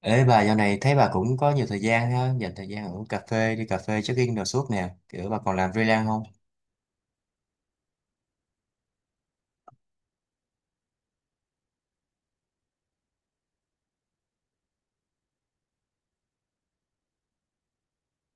Ê bà dạo này thấy bà cũng có nhiều thời gian ha, dành thời gian ở cà phê, đi cà phê check-in đồ suốt nè, kiểu bà còn làm freelance không?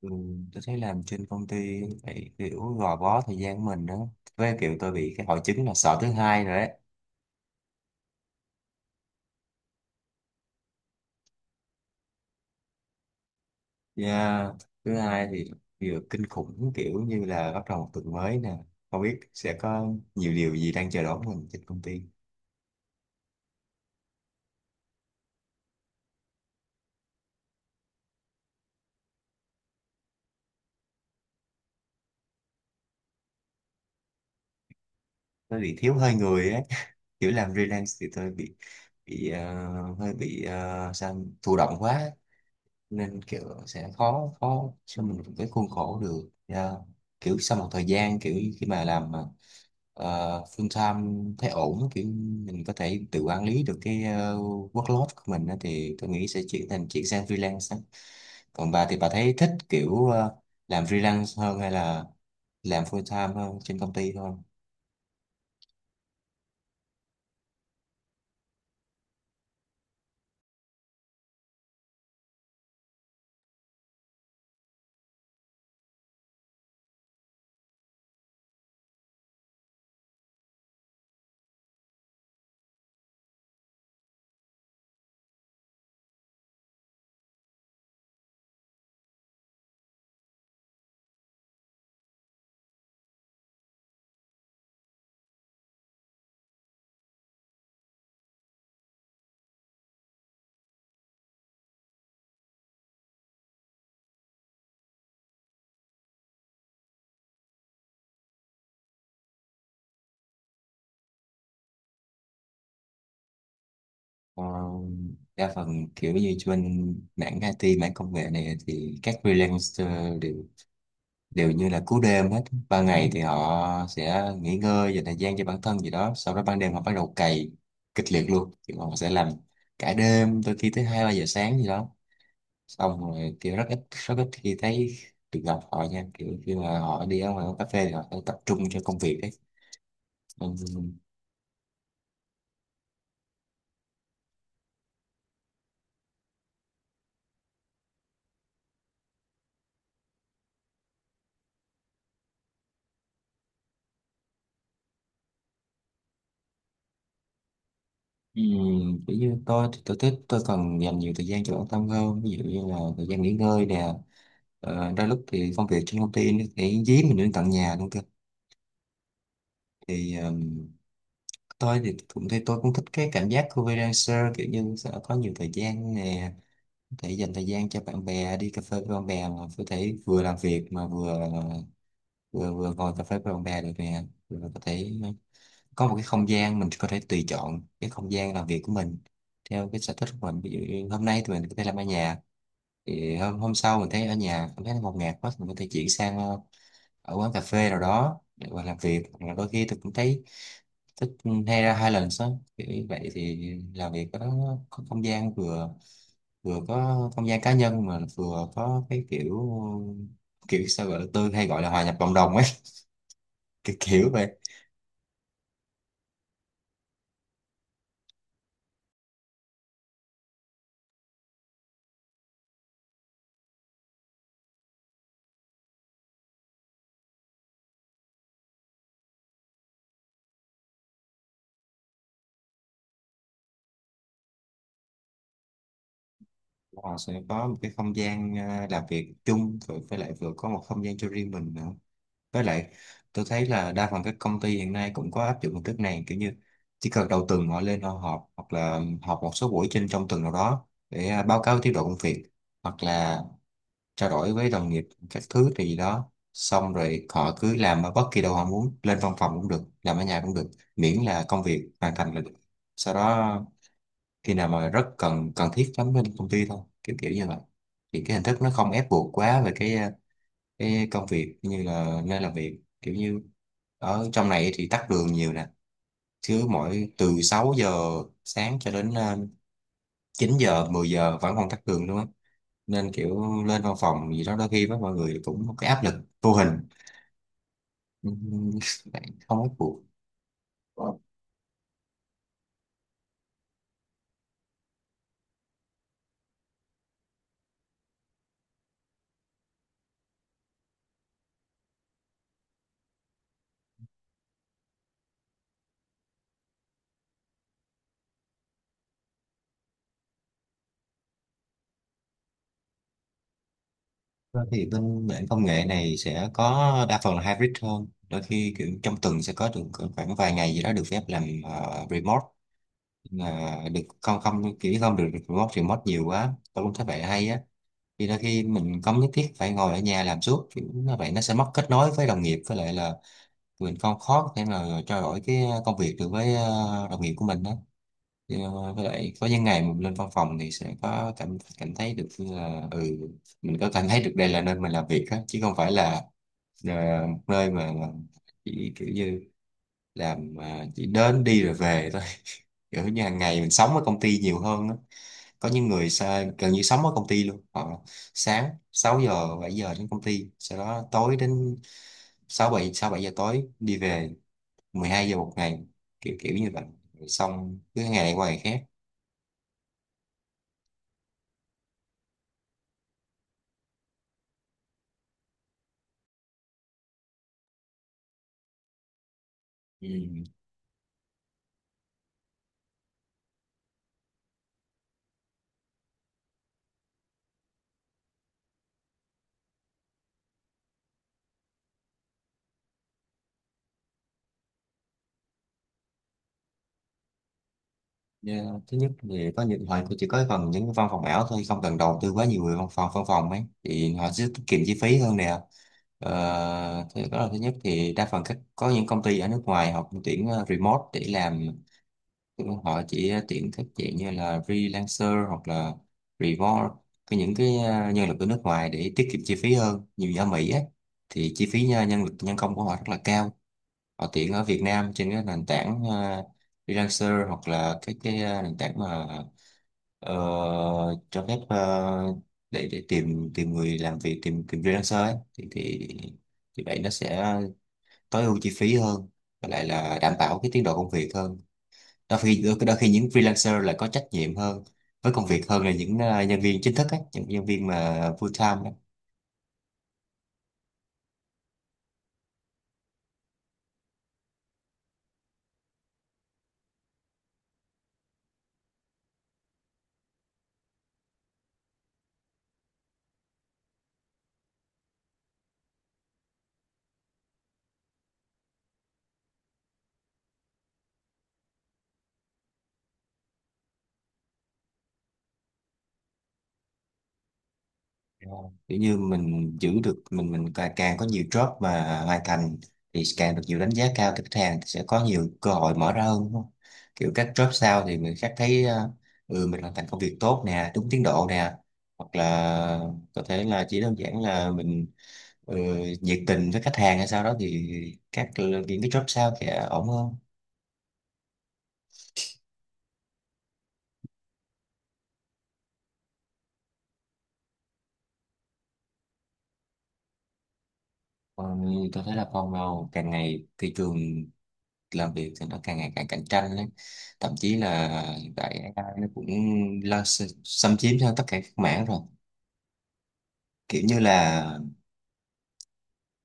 Ừ, tôi thấy làm trên công ty phải kiểu gò bó thời gian của mình đó, với kiểu tôi bị cái hội chứng là sợ thứ hai rồi đấy. Yeah. Thứ hai thì vừa kinh khủng kiểu như là bắt đầu một tuần mới nè, không biết sẽ có nhiều điều gì đang chờ đón mình trên công ty. Tôi bị thiếu hơi người ấy, kiểu làm freelance thì tôi bị hơi bị sao thụ động quá, nên kiểu sẽ khó khó cho mình một cái khuôn khổ được. Dạ. Kiểu sau một thời gian kiểu khi mà làm mà, full time thấy ổn á, kiểu mình có thể tự quản lý được cái workload của mình á, thì tôi nghĩ sẽ chuyển sang freelance á. Còn bà thì bà thấy thích kiểu làm freelance hơn hay là làm full time hơn trên công ty hơn? Ờ, Đa phần kiểu như trên mảng IT mảng công nghệ này thì các freelancer đều đều như là cú đêm hết. Ban ngày thì họ sẽ nghỉ ngơi dành thời gian cho bản thân gì đó, sau đó ban đêm họ bắt đầu cày kịch liệt luôn, thì họ sẽ làm cả đêm đôi khi tới hai ba giờ sáng gì đó. Xong rồi kiểu rất ít khi thấy được gặp họ nha, kiểu khi mà họ đi ở ngoài quán cà phê thì họ sẽ tập trung cho công việc đấy. Ừm, Kiểu như tôi thì tôi thích, tôi cần dành nhiều thời gian cho bản thân hơn, ví dụ như là thời gian nghỉ ngơi nè. Đôi lúc thì công việc trên công ty nó sẽ dí mình đến tận nhà luôn cơ, thì tôi thì cũng thấy tôi cũng thích cái cảm giác của freelancer, kiểu như sẽ có nhiều thời gian nè, có thể dành thời gian cho bạn bè, đi cà phê với bạn bè mà có thể vừa làm việc mà vừa vừa vừa ngồi cà phê với bạn bè được nè, vừa có thể có một cái không gian mình có thể tùy chọn cái không gian làm việc của mình theo cái sở thích của mình. Ví dụ như hôm nay thì mình có thể làm ở nhà, thì hôm hôm sau mình thấy ở nhà cảm thấy nó ngột ngạt quá thì mình có thể chuyển sang ở quán cà phê nào đó để mà làm việc. Hoặc là đôi khi tôi cũng thấy thích hay ra Highlands á, kiểu như vậy thì làm việc có không gian, vừa vừa có không gian cá nhân mà vừa có cái kiểu kiểu sao gọi là, tôi hay gọi là hòa nhập cộng đồng ấy, cái kiểu vậy. Họ sẽ có một cái không gian làm việc chung, rồi với lại vừa có một không gian cho riêng mình nữa. Với lại tôi thấy là đa phần các công ty hiện nay cũng có áp dụng hình thức này, kiểu như chỉ cần đầu tuần họ lên họ họp, hoặc là họp một số buổi trong tuần nào đó để báo cáo tiến độ công việc, hoặc là trao đổi với đồng nghiệp các thứ, thì đó xong rồi họ cứ làm ở bất kỳ đâu họ muốn, lên văn phòng cũng được, làm ở nhà cũng được, miễn là công việc hoàn thành là được. Sau đó khi nào mà rất cần cần thiết lắm lên công ty thôi, kiểu kiểu như vậy. Thì cái hình thức nó không ép buộc quá về cái cái công việc như là nơi làm việc, kiểu như ở trong này thì tắc đường nhiều nè, chứ mỗi từ 6 giờ sáng cho đến 9 giờ 10 giờ vẫn còn tắc đường luôn á, nên kiểu lên văn phòng gì đó đôi khi với mọi người cũng có cái áp lực vô hình. Ừm. Bạn không có cuộc. Vâng. Thì bên mảng công nghệ này sẽ có đa phần là hybrid hơn, đôi khi kiểu trong tuần sẽ có được cỡ khoảng vài ngày gì đó được phép làm remote. Nhưng mà được không không kiểu không được remote remote nhiều quá, tôi cũng thấy vậy hay á. Thì đôi khi mình không nhất thiết phải ngồi ở nhà làm suốt, kiểu như vậy nó sẽ mất kết nối với đồng nghiệp, với lại là mình không khó có thể mà trao đổi cái công việc được với đồng nghiệp của mình á. Thì, với lại có những ngày mình lên văn phòng thì sẽ có cảm cảm thấy được như là mình có cảm thấy được đây là nơi mình làm việc á, chứ không phải là một nơi mà chỉ kiểu như chỉ đến đi rồi về thôi. Kiểu như hàng ngày mình sống ở công ty nhiều hơn á. Có những người gần như sống ở công ty luôn, họ sáng 6 giờ 7 giờ đến công ty, sau đó tối đến sáu bảy giờ tối đi về, 12 giờ một ngày, kiểu kiểu như vậy. Rồi xong cứ ngày qua ngày khác. Ừ. Dạ. Thứ nhất thì có những họ chỉ có phần những cái văn phòng ảo thôi, không cần đầu tư quá nhiều về văn phòng ấy thì họ sẽ tiết kiệm chi phí hơn nè. Thế đó là thứ nhất. Thì đa phần có những công ty ở nước ngoài họ cũng tuyển remote để làm, họ chỉ tuyển các dạng như là freelancer hoặc là remote, những cái nhân lực ở nước ngoài để tiết kiệm chi phí hơn nhiều, như ở Mỹ ấy, thì chi phí nhân nhân lực nhân công của họ rất là cao, họ tiện ở Việt Nam trên cái nền tảng freelancer hoặc là cái nền tảng mà ờ, cho phép để tìm tìm người làm việc, tìm tìm freelancer ấy. Thì vậy nó sẽ tối ưu chi phí hơn, và lại là đảm bảo cái tiến độ công việc hơn. Đôi khi những freelancer là có trách nhiệm hơn với công việc hơn là những nhân viên chính thức ấy, những nhân viên mà full time ấy. Kiểu như mình giữ được, mình càng có nhiều job mà hoàn thành thì càng được nhiều đánh giá cao từ khách hàng, thì sẽ có nhiều cơ hội mở ra hơn đúng không? Kiểu các job sau thì người khác thấy mình hoàn thành công việc tốt nè, đúng tiến độ nè, hoặc là có thể là chỉ đơn giản là mình ừ, nhiệt tình với khách hàng, hay sau đó thì những cái job sau sẽ ổn hơn. Còn có thể là còn vào càng ngày thị trường làm việc thì nó càng ngày càng cạnh tranh ấy. Thậm chí là hiện tại AI nó cũng lo xâm chiếm cho tất cả các mảng rồi, kiểu như là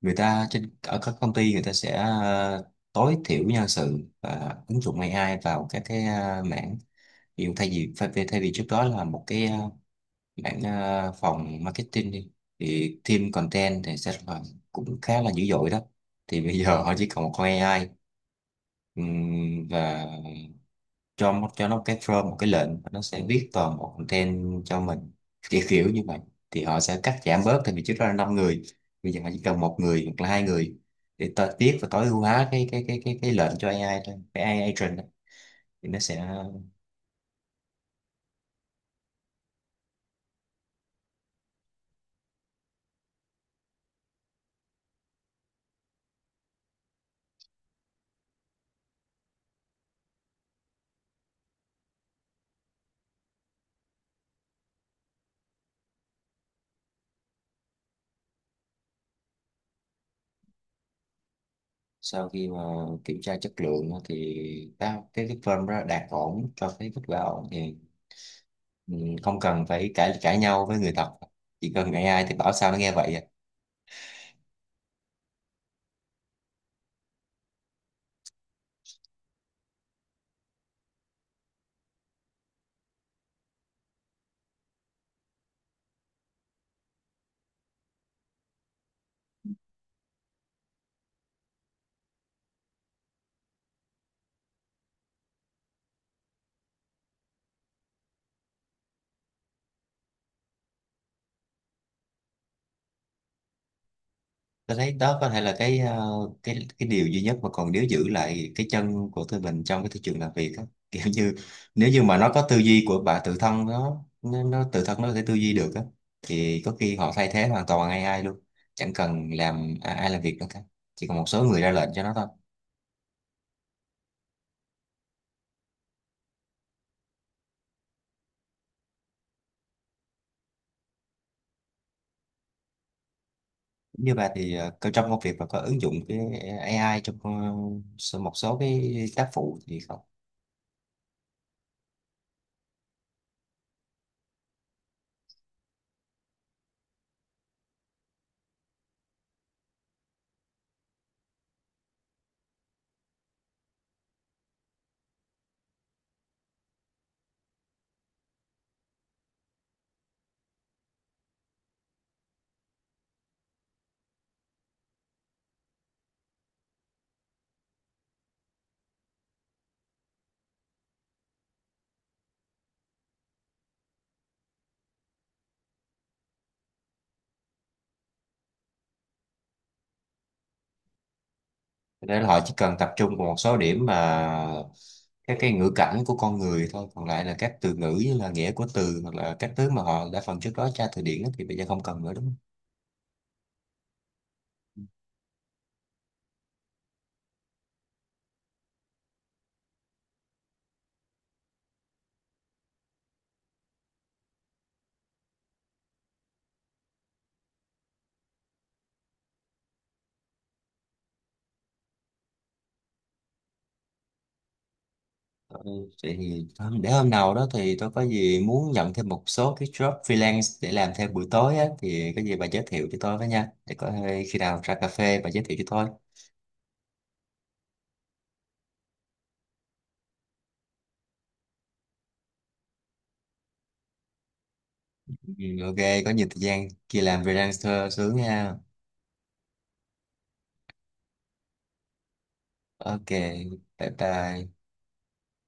người ta ở các công ty người ta sẽ tối thiểu nhân sự và ứng dụng AI vào các cái mảng. Ví dụ thay vì trước đó là một cái phòng marketing đi, thì team content thì sẽ là cũng khá là dữ dội đó, thì bây giờ họ chỉ còn một con AI. Và cho cho nó một cái form, một cái lệnh, và nó sẽ viết toàn bộ content cho mình, kiểu kiểu như vậy. Thì họ sẽ cắt giảm bớt, thì vì trước đó là năm người, bây giờ họ chỉ cần một người hoặc là hai người để ta viết và tối ưu hóa cái lệnh cho AI thôi, cái AI agent đó. Thì nó sẽ sau khi mà kiểm tra chất lượng á, thì ta, cái form đó đạt ổn cho cái kết quả ổn thì ừ, không cần phải cãi cãi nhau với người thật, chỉ cần AI thì bảo sao nó nghe vậy à. Tôi thấy đó có thể là cái cái điều duy nhất mà còn nếu giữ lại cái chân của tụi mình trong cái thị trường làm việc á. Kiểu như nếu như mà nó có tư duy của bà, tự thân nó tự thân nó có thể tư duy được á, thì có khi họ thay thế hoàn toàn AI luôn, chẳng cần làm ai làm việc nữa cả, chỉ còn một số người ra lệnh cho nó thôi. Như bà thì trong công việc và có ứng dụng cái AI trong một số cái tác phụ thì không? Để là họ chỉ cần tập trung vào một số điểm mà các cái ngữ cảnh của con người thôi, còn lại là các từ ngữ như là nghĩa của từ hoặc là các thứ mà họ đã phần trước đó tra từ điển á, thì bây giờ không cần nữa đúng không? Ừ. Vậy thì thôi, để hôm nào đó thì tôi có gì muốn nhận thêm một số cái job freelance để làm thêm buổi tối á, thì có gì bà giới thiệu cho tôi với nha, để có khi nào ra cà phê bà giới thiệu cho tôi. Ừ, ok, có nhiều thời gian kia làm freelancer sướng nha. Ok, bye bye.